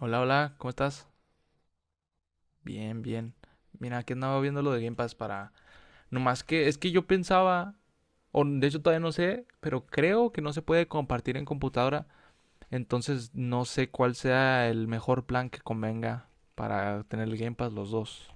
Hola, hola, ¿cómo estás? Bien, bien. Mira, aquí andaba viendo lo de Game Pass para... Nomás que es que yo pensaba, o de hecho todavía no sé, pero creo que no se puede compartir en computadora. Entonces no sé cuál sea el mejor plan que convenga para tener el Game Pass los dos.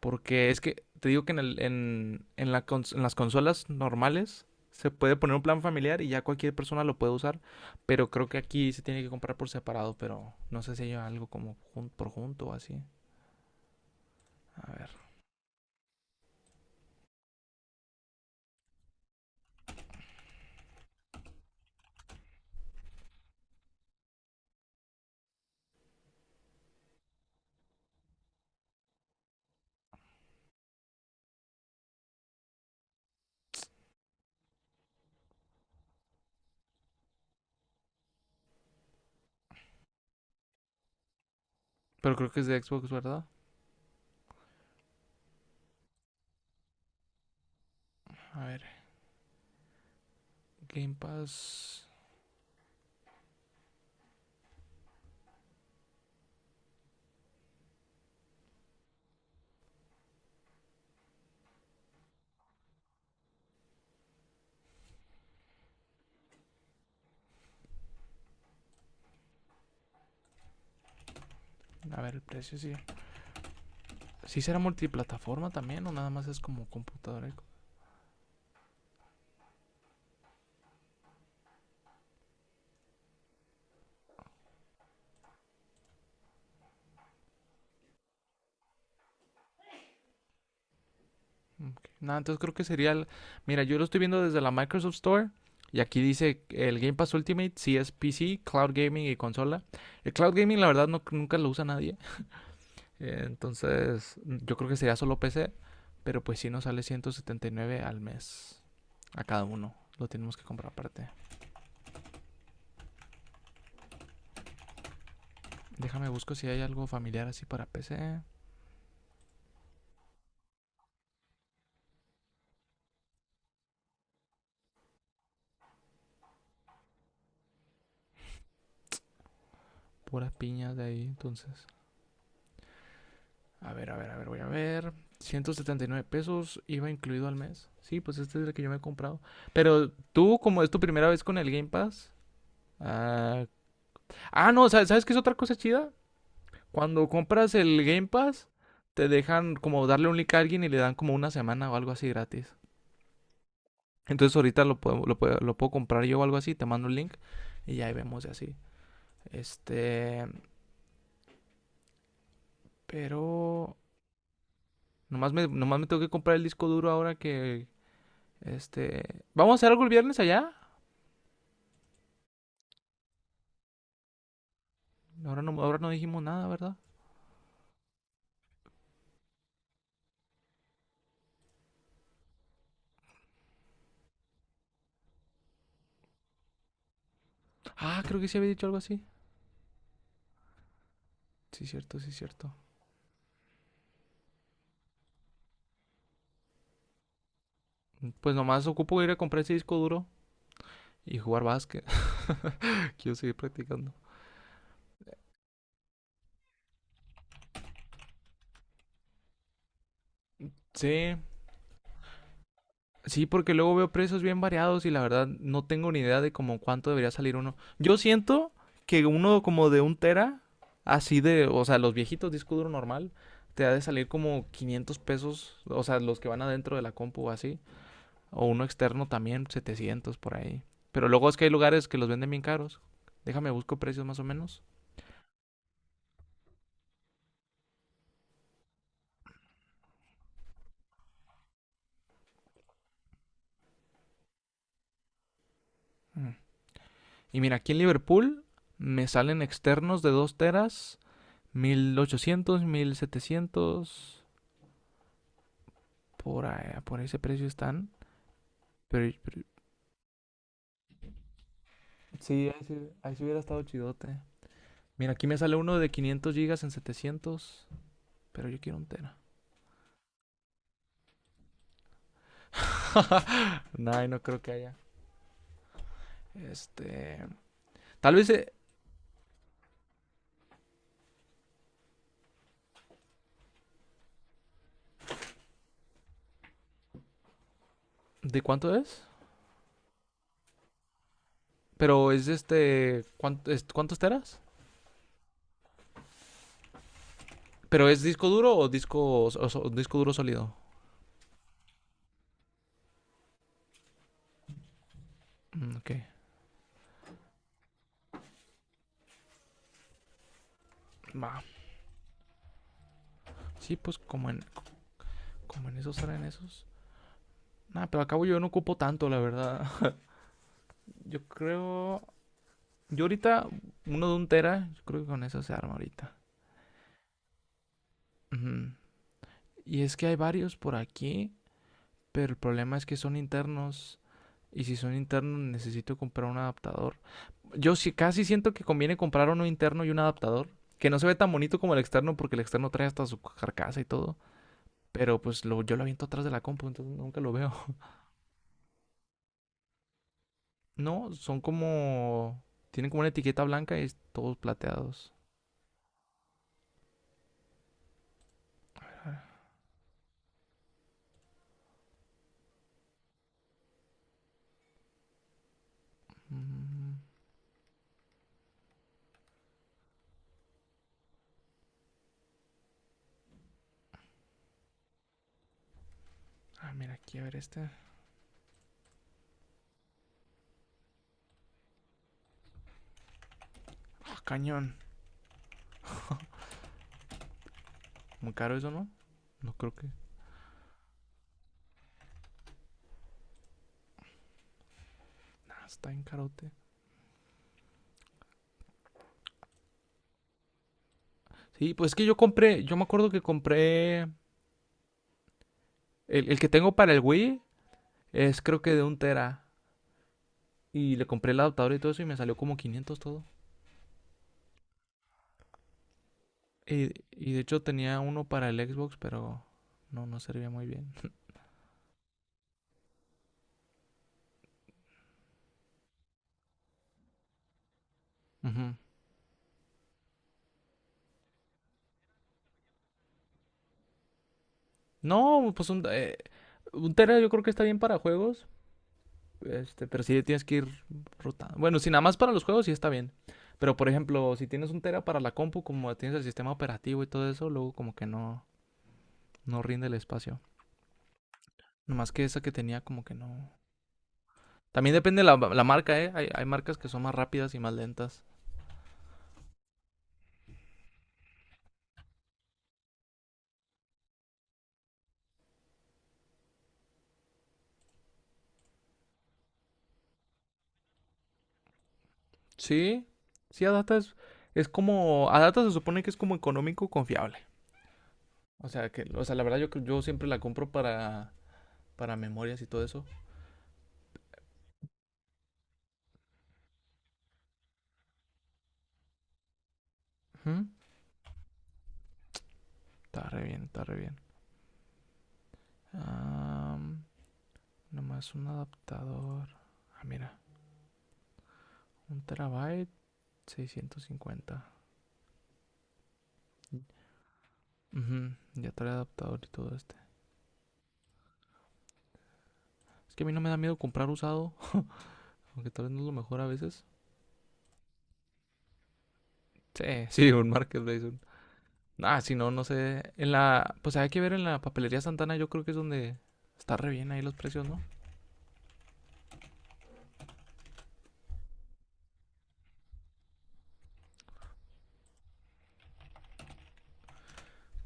Porque es que te digo que en, el- en la cons- en las consolas normales se puede poner un plan familiar y ya cualquier persona lo puede usar. Pero creo que aquí se tiene que comprar por separado, pero no sé si hay algo como por junto o así. A ver. Pero creo que es de Xbox, ¿verdad? A ver, Game Pass. A ver, el precio sí. ¿Sí será multiplataforma también o nada más es como computadora? Y Ok. Nada, entonces creo que sería. Mira, yo lo estoy viendo desde la Microsoft Store. Y aquí dice el Game Pass Ultimate, sí es PC, Cloud Gaming y consola. El Cloud Gaming, la verdad, no, nunca lo usa nadie. Entonces, yo creo que sería solo PC. Pero pues sí nos sale 179 al mes. A cada uno. Lo tenemos que comprar aparte. Déjame busco si hay algo familiar así para PC. Puras piñas de ahí, entonces. A ver, a ver, a ver, voy a ver. 179 pesos iba incluido al mes. Sí, pues este es el que yo me he comprado. Pero tú, como es tu primera vez con el Game Pass. Ah, no, ¿sabes qué es otra cosa chida? Cuando compras el Game Pass, te dejan como darle un link a alguien y le dan como una semana o algo así gratis. Entonces ahorita lo puedo comprar yo o algo así, te mando el link y ya ahí vemos y así. Este, pero nomás me tengo que comprar el disco duro ahora que Este, ¿vamos a hacer algo el viernes allá? Ahora no dijimos nada, ¿verdad? Ah, creo que sí había dicho algo así. Sí, cierto, sí, cierto. Pues nomás ocupo ir a comprar ese disco duro y jugar básquet. Quiero seguir practicando. Sí, sí, porque luego veo precios bien variados y la verdad no tengo ni idea de como cuánto debería salir uno. Yo siento que uno como de un tera, así de, o sea, los viejitos disco duro normal, te ha de salir como 500 pesos, o sea, los que van adentro de la compu o así. O uno externo también, 700 por ahí. Pero luego es que hay lugares que los venden bien caros. Déjame, busco precios más o menos. Mm. Y mira, aquí en Liverpool me salen externos de 2 teras, 1,800, 1,700, por ahí, por ese precio están. Pero sí, ahí sí, ahí sí hubiera estado chidote. Mira, aquí me sale uno de 500 gigas en 700. Pero yo quiero un tera. No, no creo que haya. Este. Tal vez. ¿De cuánto es? Pero es este. ¿Cuántos teras? ¿Pero es disco duro o disco duro sólido? Mm, ok. Va. Sí, pues como en, como en esos eran esos. Nah, pero acabo yo no ocupo tanto, la verdad. Yo creo. Yo ahorita, uno de un tera, yo creo que con eso se arma ahorita. Ujú. Y es que hay varios por aquí, pero el problema es que son internos. Y si son internos, necesito comprar un adaptador. Yo sí, casi siento que conviene comprar uno interno y un adaptador. Que no se ve tan bonito como el externo, porque el externo trae hasta su carcasa y todo. Pero pues lo, yo lo aviento atrás de la compu, entonces nunca lo veo. No, son como. Tienen como una etiqueta blanca y todos plateados. Mm. Ah, mira, aquí a ver este. Ah, cañón. Muy caro eso, ¿no? No creo que. Nah, está en carote. Sí, pues es que yo compré. Yo me acuerdo que compré. El que tengo para el Wii es creo que de un tera. Y le compré el adaptador y todo eso y me salió como 500 todo. Y de hecho tenía uno para el Xbox, pero no, no servía muy bien. Ujú. No, pues un tera yo creo que está bien para juegos. Este, pero sí tienes que ir rotando. Bueno, si nada más para los juegos sí está bien. Pero por ejemplo, si tienes un tera para la compu, como tienes el sistema operativo y todo eso, luego como que no, no rinde el espacio. Nomás que esa que tenía como que no. También depende la marca, ¿eh? Hay marcas que son más rápidas y más lentas. Sí, sí, Adata es como... Adata se supone que es como económico confiable. O sea, la verdad yo siempre la compro para memorias y todo eso. Ujú. Está re bien, está re bien. Am, nomás un adaptador. Ah, mira, 1 terabyte, 650. Ujú, ya trae adaptador y todo este. Es que a mí no me da miedo comprar usado, aunque tal vez no es lo mejor a veces. Sí, sí, un marketplace. Ah, si no, no sé. En la, pues hay que ver en la papelería Santana, yo creo que es donde está re bien ahí los precios, ¿no?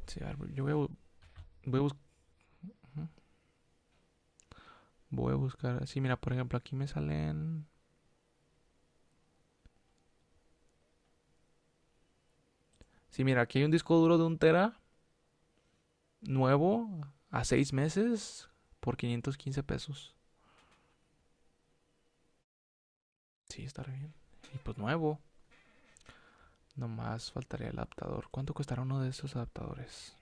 Sí, a ver, yo voy a, bu- voy a buscar. Voy a buscar. Sí, mira, por ejemplo, aquí me salen. Sí, mira, aquí hay un disco duro de un tera nuevo a 6 meses por 515 pesos. Sí, está re bien. Y pues nuevo. Nomás faltaría el adaptador. ¿Cuánto costará uno de esos adaptadores?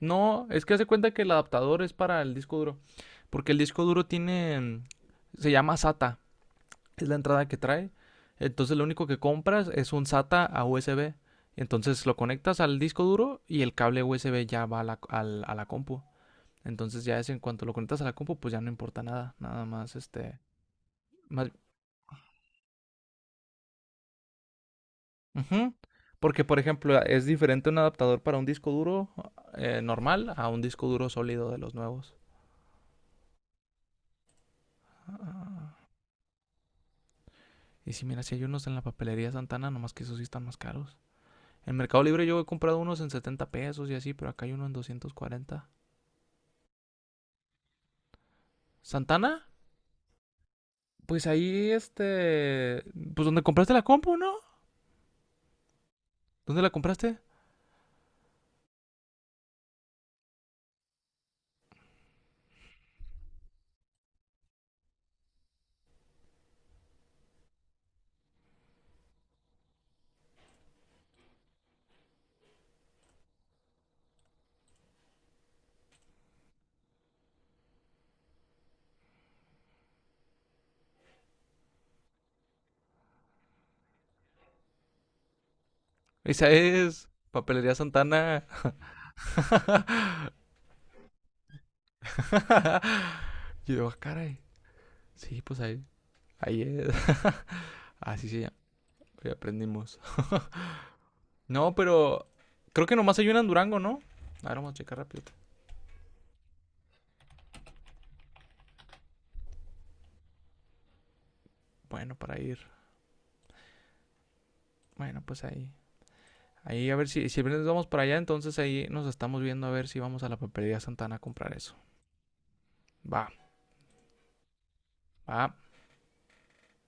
No, es que hace cuenta que el adaptador es para el disco duro. Porque el disco duro tiene. Se llama SATA. Es la entrada que trae. Entonces lo único que compras es un SATA a USB. Entonces lo conectas al disco duro y el cable USB ya va a a la compu. Entonces ya es en cuanto lo conectas a la compu, pues ya no importa nada. Nada más este... Más... Ujú. Porque, por ejemplo, es diferente un adaptador para un disco duro normal a un disco duro sólido de los nuevos. Ah. Y si mira, si hay unos en la papelería Santana, nomás que esos sí están más caros. En Mercado Libre yo he comprado unos en 70 pesos y así, pero acá hay uno en 240. ¿Santana? Pues ahí, este. Pues donde compraste la compu, ¿no? ¿Dónde la compraste? Esa es. Papelería Santana. Y yo, ah, caray. Sí, pues ahí. Ahí es. Así se llama. Ya aprendimos. No, pero. Creo que nomás hay una en Durango, ¿no? A ver, vamos a checar rápido. Bueno, para ir. Bueno, pues ahí. Ahí a ver si, si viernes vamos para allá, entonces ahí nos estamos viendo a ver si vamos a la papelería Santana a comprar eso. Va, va.